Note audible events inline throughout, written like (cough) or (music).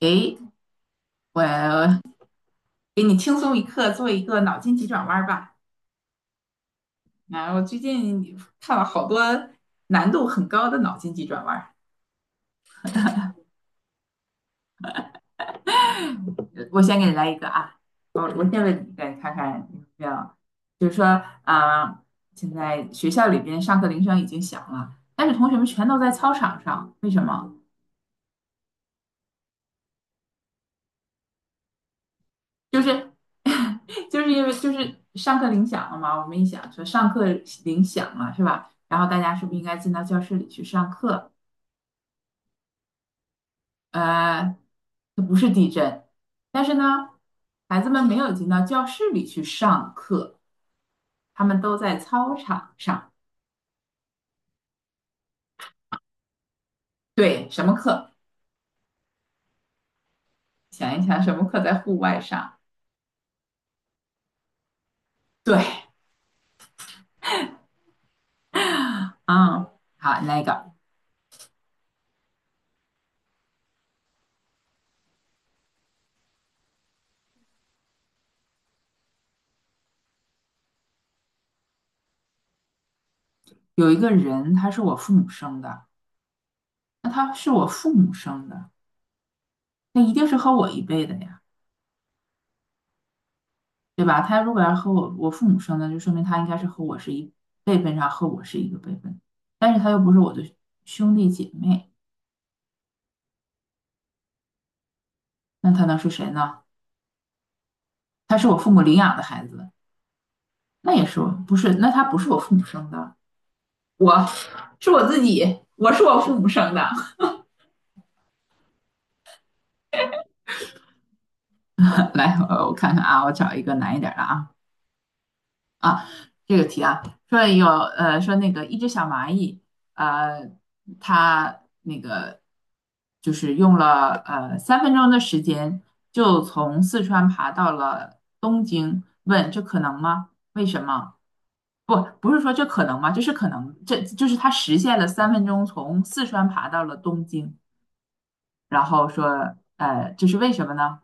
诶，我给你轻松一刻，做一个脑筋急转弯儿吧。啊，我最近看了好多难度很高的脑筋急转弯儿。我先给你来一个啊，我先问你一个，你看看你要不要？就是说啊，现在学校里边上课铃声已经响了，但是同学们全都在操场上，为什么？就是 (laughs) 就是因为就是上课铃响了嘛。我们一想说上课铃响了是吧？然后大家是不是应该进到教室里去上课？呃，这不是地震，但是呢，孩子们没有进到教室里去上课，他们都在操场上。对，什么课？想一想，什么课在户外上？对，嗯，好，那个有一个人，他是我父母生的，那他是我父母生的，那一定是和我一辈的呀，对吧？他如果要和我父母生的，就说明他应该是和我是一辈分上和我是一个辈分，但是他又不是我的兄弟姐妹，那他能是谁呢？他是我父母领养的孩子，那也是我不是？那他不是我父母生的，我是我自己，我是我父母生的。(laughs) 来，我看看啊，我找一个难一点的啊啊，这个题啊，说说那个一只小蚂蚁，呃，它那个就是用了三分钟的时间，就从四川爬到了东京，问这可能吗？为什么？不，不是说这可能吗？这是可能，这就是他实现了三分钟从四川爬到了东京，然后说，这是为什么呢？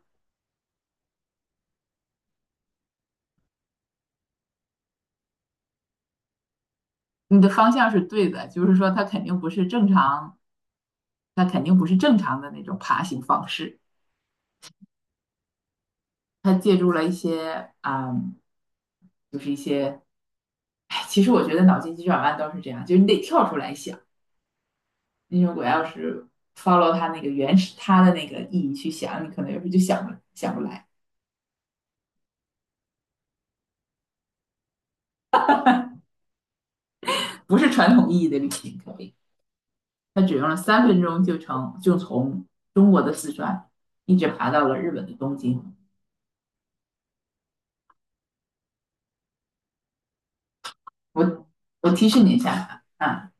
你的方向是对的，就是说他肯定不是正常，他肯定不是正常的那种爬行方式，他借助了一些，就是一些，哎，其实我觉得脑筋急转弯都是这样，就是你得跳出来想，你如果要是 follow 他那个原始他的那个意义去想，你可能有时候就想不想不来，不是传统意义的旅行可以。他只用了三分钟就从中国的四川一直爬到了日本的东京。我我提示你一下啊，啊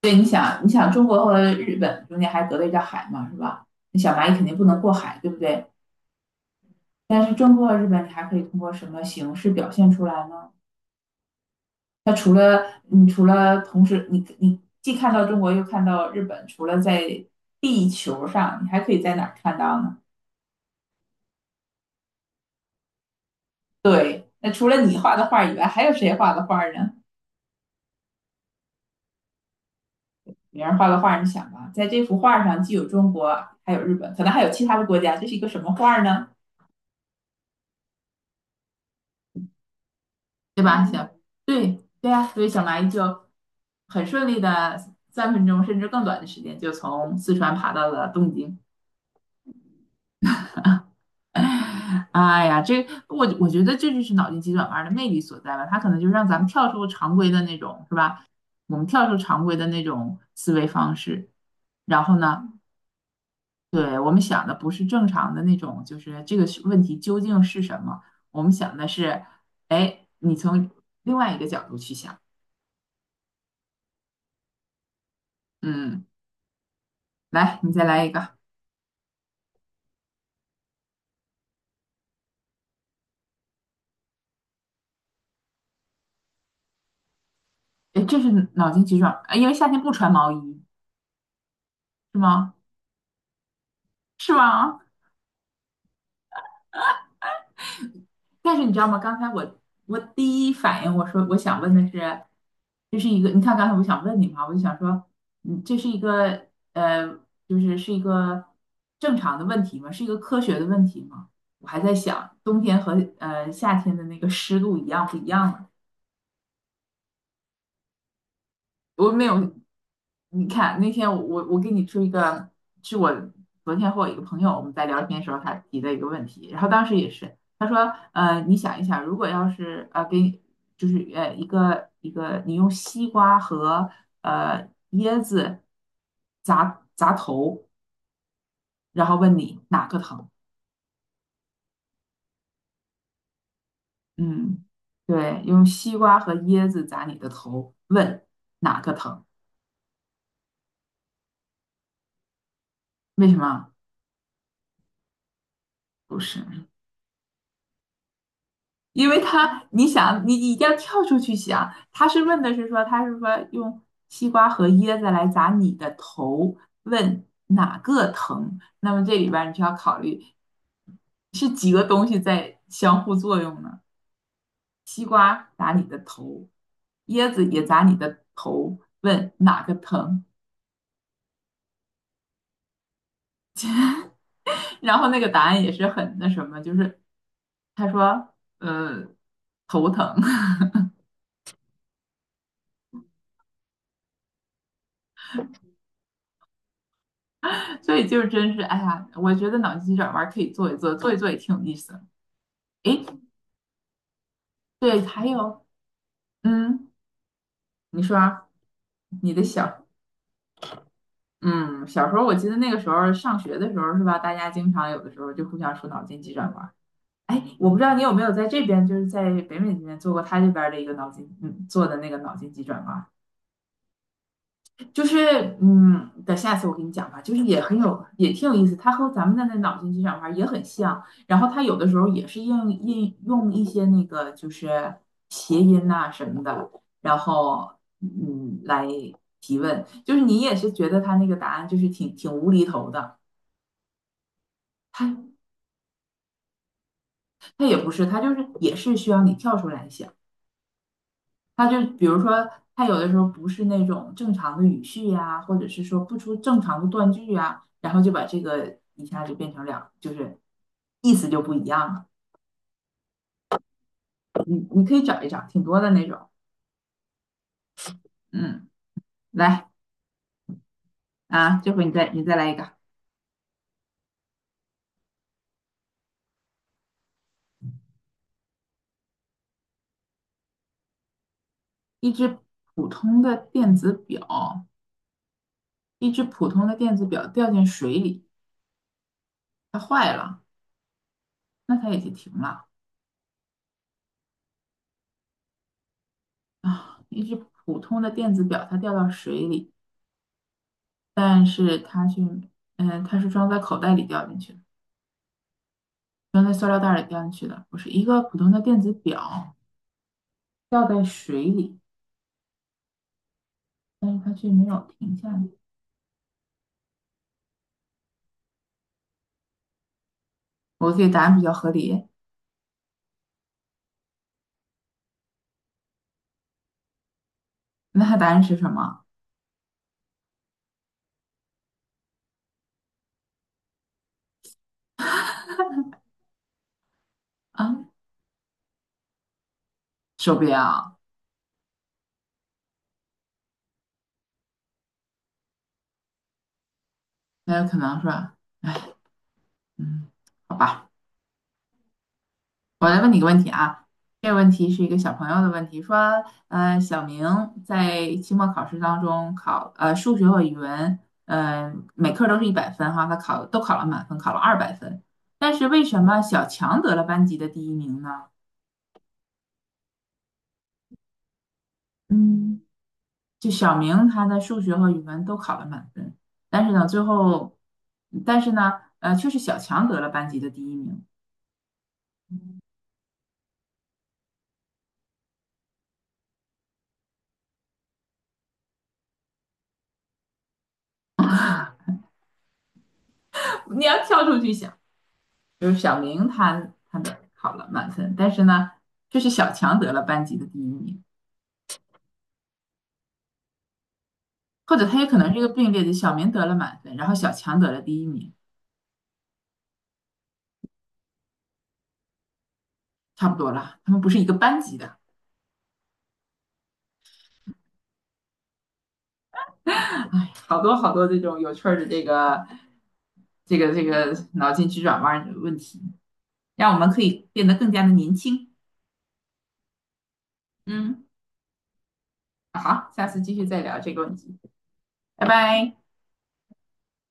对，你想中国和日本中间还隔了一条海嘛，是吧？那小蚂蚁肯定不能过海，对不对？但是中国和日本，你还可以通过什么形式表现出来呢？那除了同时你既看到中国又看到日本，除了在地球上，你还可以在哪儿看到呢？对，那除了你画的画以外，还有谁画的画呢？别人画个画，你想吧，在这幅画上既有中国，还有日本，可能还有其他的国家，这是一个什么画呢？对吧？行，对对呀、所以小蚂蚁就很顺利的三分钟甚至更短的时间，就从四川爬到了东京。(laughs) 哎呀，我觉得这就是脑筋急转弯的魅力所在吧，它可能就让咱们跳出常规的那种，是吧？我们跳出常规的那种思维方式，然后呢，对，我们想的不是正常的那种，就是这个是问题究竟是什么？我们想的是，哎，你从另外一个角度去想，嗯，来，你再来一个，哎，这是脑筋急转弯，哎因为夏天不穿毛衣是吗？是吗？但是你知道吗？刚才我第一反应我说我想问的是，这是一个你看刚才我想问你嘛，我就想说，这是一个呃，就是是一个正常的问题吗？是一个科学的问题吗？我还在想冬天和夏天的那个湿度一样不一样呢？我没有，你看那天我给你出一个，是我昨天和我一个朋友我们在聊天的时候他提的一个问题，然后当时也是他说，你想一想，如果要是给你就是一个你用西瓜和椰子砸砸头，然后问你哪个疼？嗯，对，用西瓜和椰子砸你的头，问哪个疼？为什么？不是。因为他，你想，你一定要跳出去想，他是说用西瓜和椰子来砸你的头，问哪个疼？那么这里边儿你就要考虑是几个东西在相互作用呢？西瓜砸你的头，椰子也砸你的头，问哪个疼？然后那个答案也是很那什么，就是他说，呃，头疼。(laughs) 所以就真是，哎呀，我觉得脑筋急转弯可以做一做，做一做也挺有意思的。诶，对，还有，嗯，你说啊你的小，嗯，小时候我记得那个时候上学的时候是吧，大家经常有的时候就互相说脑筋急转弯。哎，我不知道你有没有在这边，就是在北美这边做过他这边的一个脑筋，做的那个脑筋急转弯。就是等下次我给你讲吧，就是也很有，也挺有意思。它和咱们的那脑筋急转弯儿也很像，然后它有的时候也是应用一些那个就是谐音呐、什么的，然后来提问，就是你也是觉得它那个答案就是挺无厘头的，它它也不是，它就是也是需要你跳出来想。他就比如说，他有的时候不是那种正常的语序呀、或者是说不出正常的断句呀，然后就把这个一下就变成两，就是意思就不一样了。你可以找一找，挺多的那种。嗯，来啊，这回你再来一个，一只普通的电子表，一只普通的电子表掉进水里，它坏了，那它也就停了啊。一只普通的电子表，它掉到水里，但是它却，它是装在口袋里掉进去的。装在塑料袋里掉进去的，不是一个普通的电子表掉在水里，但是它却没有停下来。我自己答案比较合理，那它答案是什么？啊，手表。那有可能是吧，嗯，好吧，我来问你个问题啊。这个问题是一个小朋友的问题，说，小明在期末考试当中考，数学和语文，每科都是100分哈，他考都考了满分，考了200分，但是为什么小强得了班级的第一名呢？嗯。就小明他的数学和语文都考了满分，但是呢，最后，但是呢，却是小强得了班级的第一名。你要跳出去想，就是小明他的考了满分，但是呢，却是小强得了班级的第一名，或者他也可能是一个并列的，小明得了满分，然后小强得了第一名，差不多了，他们不是一个班级的，好多好多这种有趣儿的这个脑筋急转弯儿的问题，让我们可以变得更加的年轻。嗯。好，下次继续再聊这个问题，拜拜。